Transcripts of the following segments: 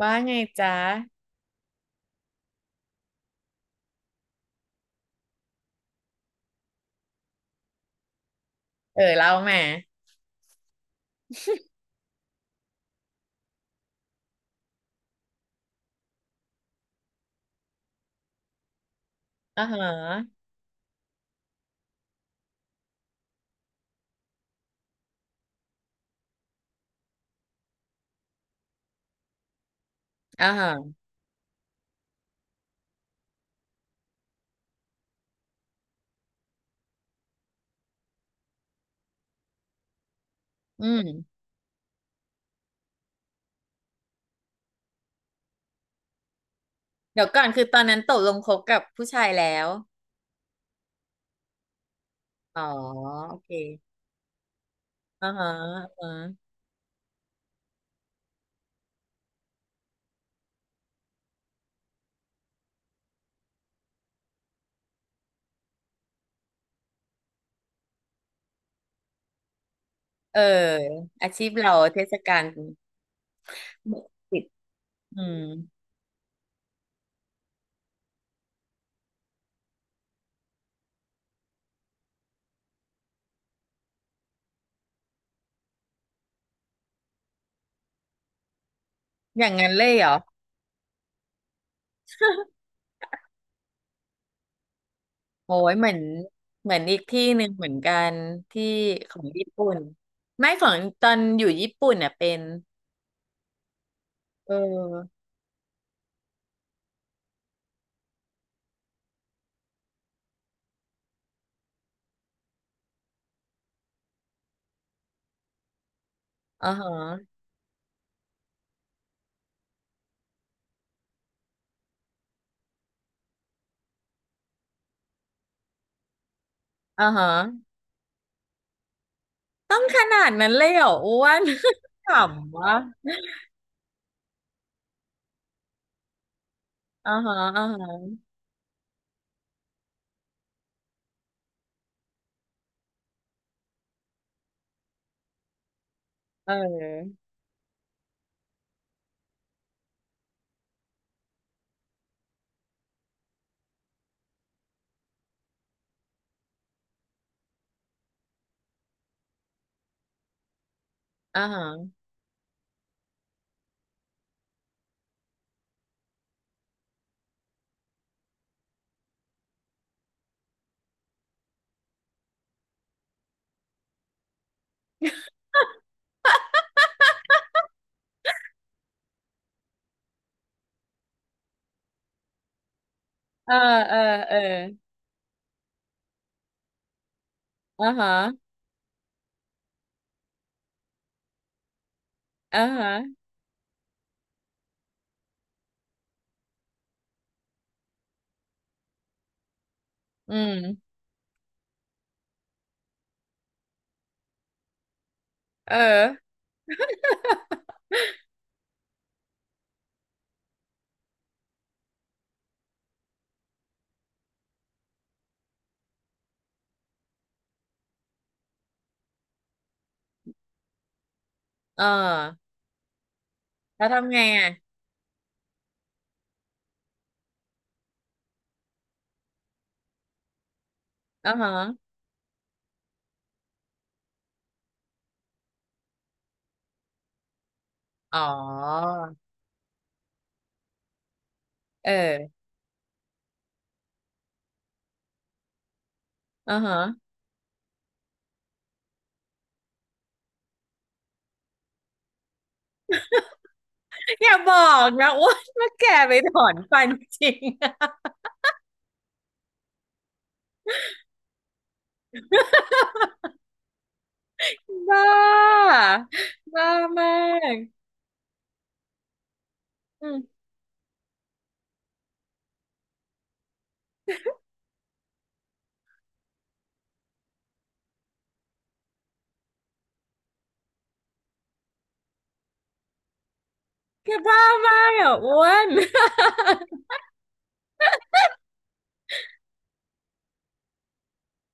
ว่าไงจ๊ะเออเล่ามาอ่าฮะอ่าฮะอืมเดี๋ยวก่อนคือตอนนั้นตกลงคบกับผู้ชายแล้วอ๋อโอเคอ่าฮะอ่าฮะเอออาชีพเราเทศกาลปิดอืมอย่างนั้นเลยเหรอโอ้ยเหมือนเหมือนอีกที่หนึ่งเหมือนกันที่ของญี่ปุ่นไม่ของตอนอยู่ญี่ปุ่นเนี่ยเป็นเอออ่าฮะอ่าฮะต้องขนาดนั้นเลยเหรออ้วน ขำวะ อ่าฮะอ่าฮะเอออ่าฮะเออเออเอออ่าฮะอ่าฮะอืมเออเออแล้วทำไงอ่ะอ่าฮะอ๋อเอออ่าฮะ อย่าบอกนะอ้วนมาแก่ไปถอนฟันจริง บ้าบ้ามากอืมแกบ้ามากอ่ะอ้วน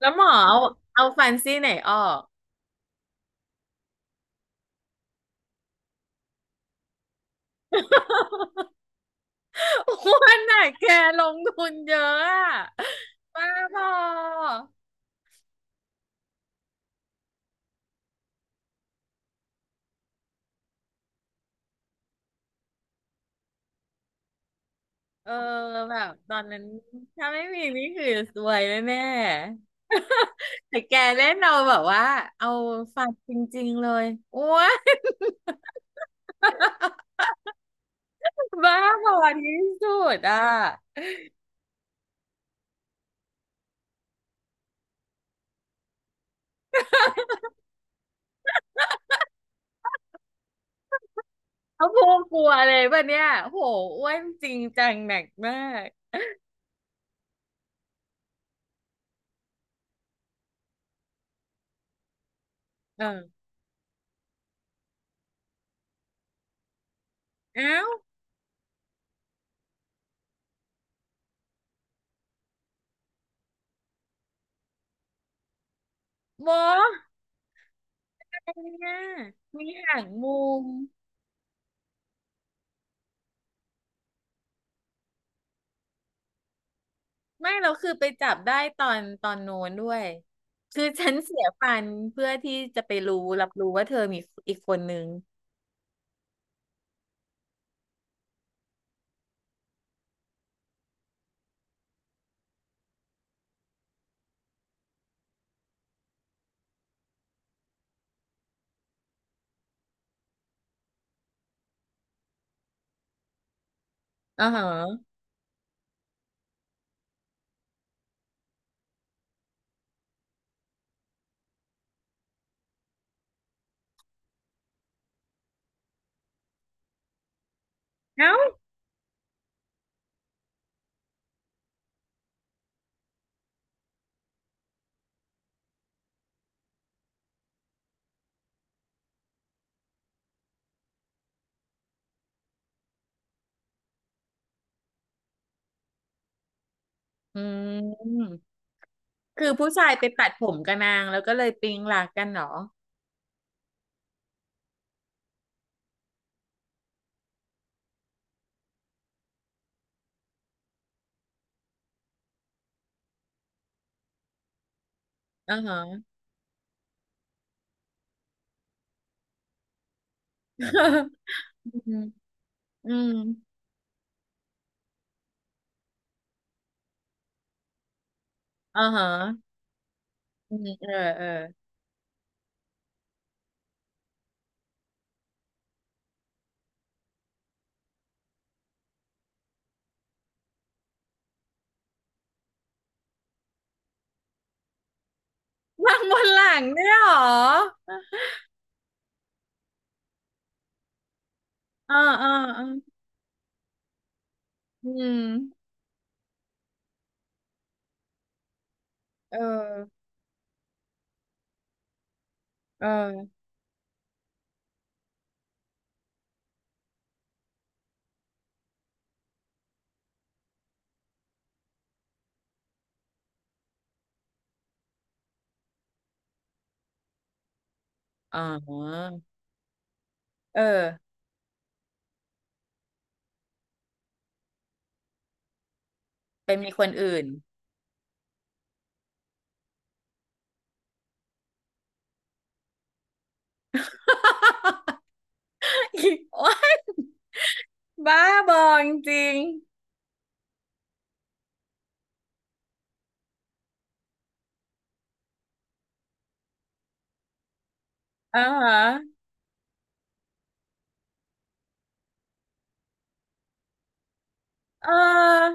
แล้วหมอเอาเอาฟันซี่ไหนออก วันไหนแกลงทุนเยอะอะบ้าพอเออแบบตอนนั้นถ้าไม่มีนี่คือสวยแน่ๆแต่แกเล่นเอาแบบว่าเอาฟันจริงๆเลยโอ้ยบ้าพอที่สุดอ่ะเขาพูดกลัวเลยป่ะเนี่ยโหอ้วนจริงจังหนักมากเออเอ้าวโบอะไรเนี่ยมีหางมุม ไม่เราคือไปจับได้ตอนตอนโน้นด้วยคือฉันเสียฟันเพื่อที่จะไปรู้รับรู้ว่าเธอมีอีกคนนึงอ่าฮะเอ้าอืมคือผู้ชายไปตัดผมกับนางแล้วก็เลยปิ๊งหลักกันเหรออ่าฮะ อืมอืมอ่าฮะอืมเออเออนางบนหลังเนี่ยเหรออ่าอ่าอ่าอืมเออเอออ๋อเออเป็นมีคนอื่น อีกโอ๊ย บ้าบอจริงๆอ่าฮะเออ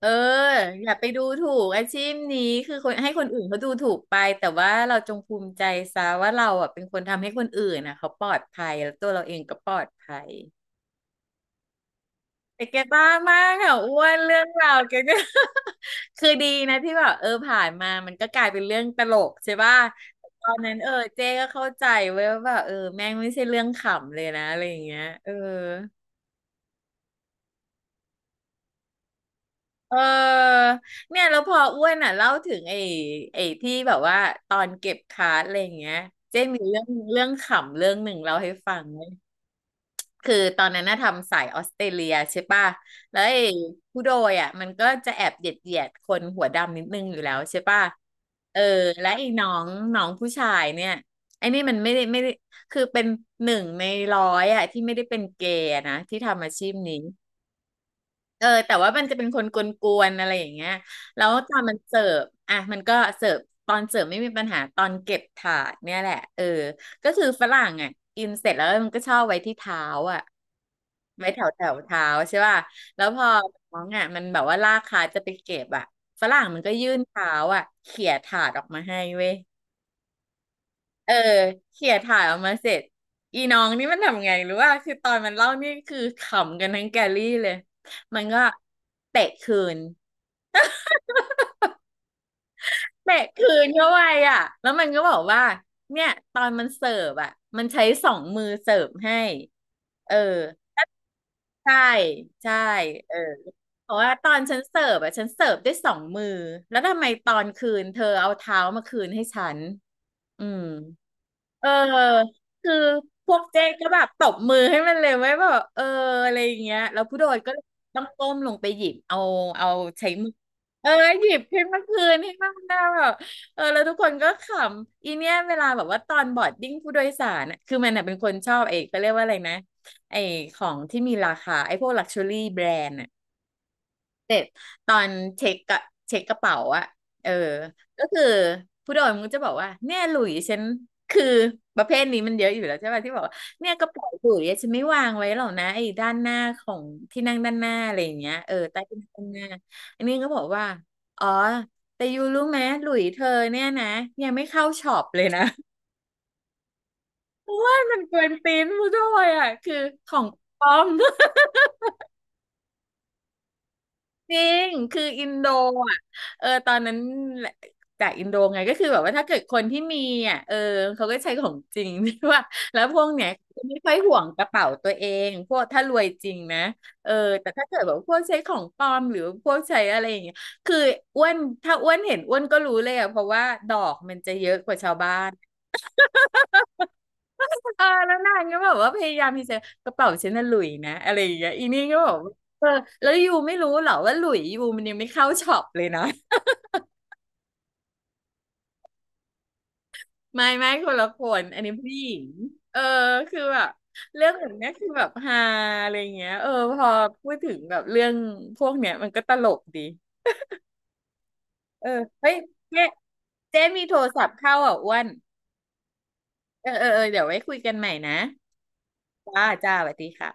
เอออย่าไปดูถูกอาชีพนี้คือคนให้คนอื่นเขาดูถูกไปแต่ว่าเราจงภูมิใจซะว่าเราอ่ะเป็นคนทำให้คนอื่นนะเขาปลอดภัยแล้วตัวเราเองก็ปลอดภัยแต่แกบ้ามากอ่ะอ้วนเรื่องราวแกก็ คือดีนะที่แบบเออผ่านมามันก็กลายเป็นเรื่องตลกใช่ป่ะแต่ตอนนั้นเออเจ๊ก็เข้าใจเว้ยว่าแบบเออแม่งไม่ใช่เรื่องขำเลยนะอะไรอย่างเงี้ยเออ เออเนี่ยแล้วพออ้วนอ่ะเล่าถึงไอ้ที่แบบว่าตอนเก็บคาร์ดอะไรอย่างเงี้ยเจ๊มีเรื่องเรื่องขำเรื่องหนึ่งเล่าให้ฟังไหมคือตอนนั้นน่ะทำสายออสเตรเลียใช่ป่ะแล้วไอ้ผู้โดยอ่ะมันก็จะแอบเหยียดเหยียดคนหัวดำนิดนึงอยู่แล้วใช่ป่ะเออและไอ้น้องน้องผู้ชายเนี่ยไอ้นี่มันไม่ได้ไม่ได้คือเป็นหนึ่งในร้อยอ่ะที่ไม่ได้เป็นเกย์อะนะที่ทำอาชีพนี้ เออแต่ว่ามันจะเป็นคนกวนๆอะไรอย่างเงี้ยแล้วตอนมันเสิร์ฟอ่ะมันก็เสิร์ฟตอนเสิร์ฟไม่มีปัญหาตอนเก็บถาดเนี่ยแหละเออก็คือฝรั่งอ่ะกินเสร็จแล้วมันก็ชอบไว้ที่เท้าอ่ะไว้แถวแถวเท้าใช่ป่ะแล้วพอน้องอ่ะมันแบบว่าลากขาจะไปเก็บอ่ะฝรั่งมันก็ยื่นเท้าอ่ะเขี่ยถาดออกมาให้เว้ย เออเขี่ยถ่ายออกมาเสร็จอีน้องนี่มันทำไงหรือว่าคือตอนมันเล่านี่คือขำกันทั้งแกลลี่เลยมันก็เตะคืนเตะคืนเข้าไปอ่ะแล้วมันก็บอกว่าเนี่ยตอนมันเสิร์ฟอ่ะมันใช้สองมือเสิร์ฟให้เออใช่ใช่เออเพราะว่าตอนฉันเสิร์ฟอ่ะฉันเสิร์ฟด้วยสองมือแล้วทำไมตอนคืนเธอเอาเท้ามาคืนให้ฉันอืม เออคือพวกเจ๊ก็แบบตบมือให้มันเลยไว้แบบเอออะไรอย่างเงี้ยแล้วผู้โดยก็ต้องก้มลงไปหยิบเอาเอาใช้มือเออหยิบขึ้นมาคืนให้มันได้แบบเออแล้วทุกคนก็ขำอีเนี่ยเวลาแบบว่าตอนบอร์ดดิ้งผู้โดยสารน่ะคือมันน่ะเป็นคนชอบไอ้เขาเรียกว่าอะไรนะไอ้ของที่มีราคาไอ้พวกลักชัวรี่แบรนด์ ตอนเช็คกะเช็คกระเป๋าอะเออก็คือผู้โดยมันก็จะบอกว่าเนี่ยหลุยฉันคือประเภทนี้มันเยอะอยู่แล้วใช่ป่ะที่บอกว่าเนี่ยกระเป๋าหลุยอะฉันไม่วางไว้หรอกนะไอ้ด้านหน้าของที่นั่งด้านหน้าอะไรอย่างเงี้ยเออใต้ที่นั่งด้านหน้าอันนี้ก็บอกว่าอ๋อแต่ยูรู้ไหมหลุยเธอเนี่ยนะยังไม่เข้าช็อปเลยนะ มันเกินตีนผู้โดยอ่ะคือของปลอม จริง คืออินโดอ่ะเออตอนนั้นจากอินโดไงก็คือแบบว่าถ้าเกิดคนที่มีอ่ะเออเขาก็ใช้ของจริง ที่ว่าแล้วพวกเนี้ยไม่ค่อยห่วงกระเป๋าตัวเองพวกถ้ารวยจริงนะเออแต่ถ้าเกิดแบบพวกใช้ของปลอมหรือพวกใช้อะไรอย่างเงี้ยคืออ้วนถ้าอ้วนเห็นอ้วนก็รู้เลยอ่ะ เพราะว่าดอกมันจะเยอะกว่าชาวบ้าน เออแล้วนางก็แบบว่าพยายามที่จะกระเป๋าฉันน่ะหลุยนะอะไรอย่างเงี้ยอีนี่ก็บอกว่าเออแล้วยูไม่รู้เหรอว่าหลุยยูมันยังไม่เข้าช็อปเลยนะ ไม่ไม่คนละคนอันนี้ผู้หญิงเออคือแบบเรื่องแบบเนี้ยคือแบบฮาอะไรเงี้ยเออพอพูดถึงแบบเรื่องพวกเนี้ยมันก็ตลกดีเออเฮ้ยเจ๊เจ๊มีโทรศัพท์เข้าอ่ะอ้วนเออเออเออเดี๋ยวไว้คุยกันใหม่นะจ้าจ้าสวัสดีค่ะ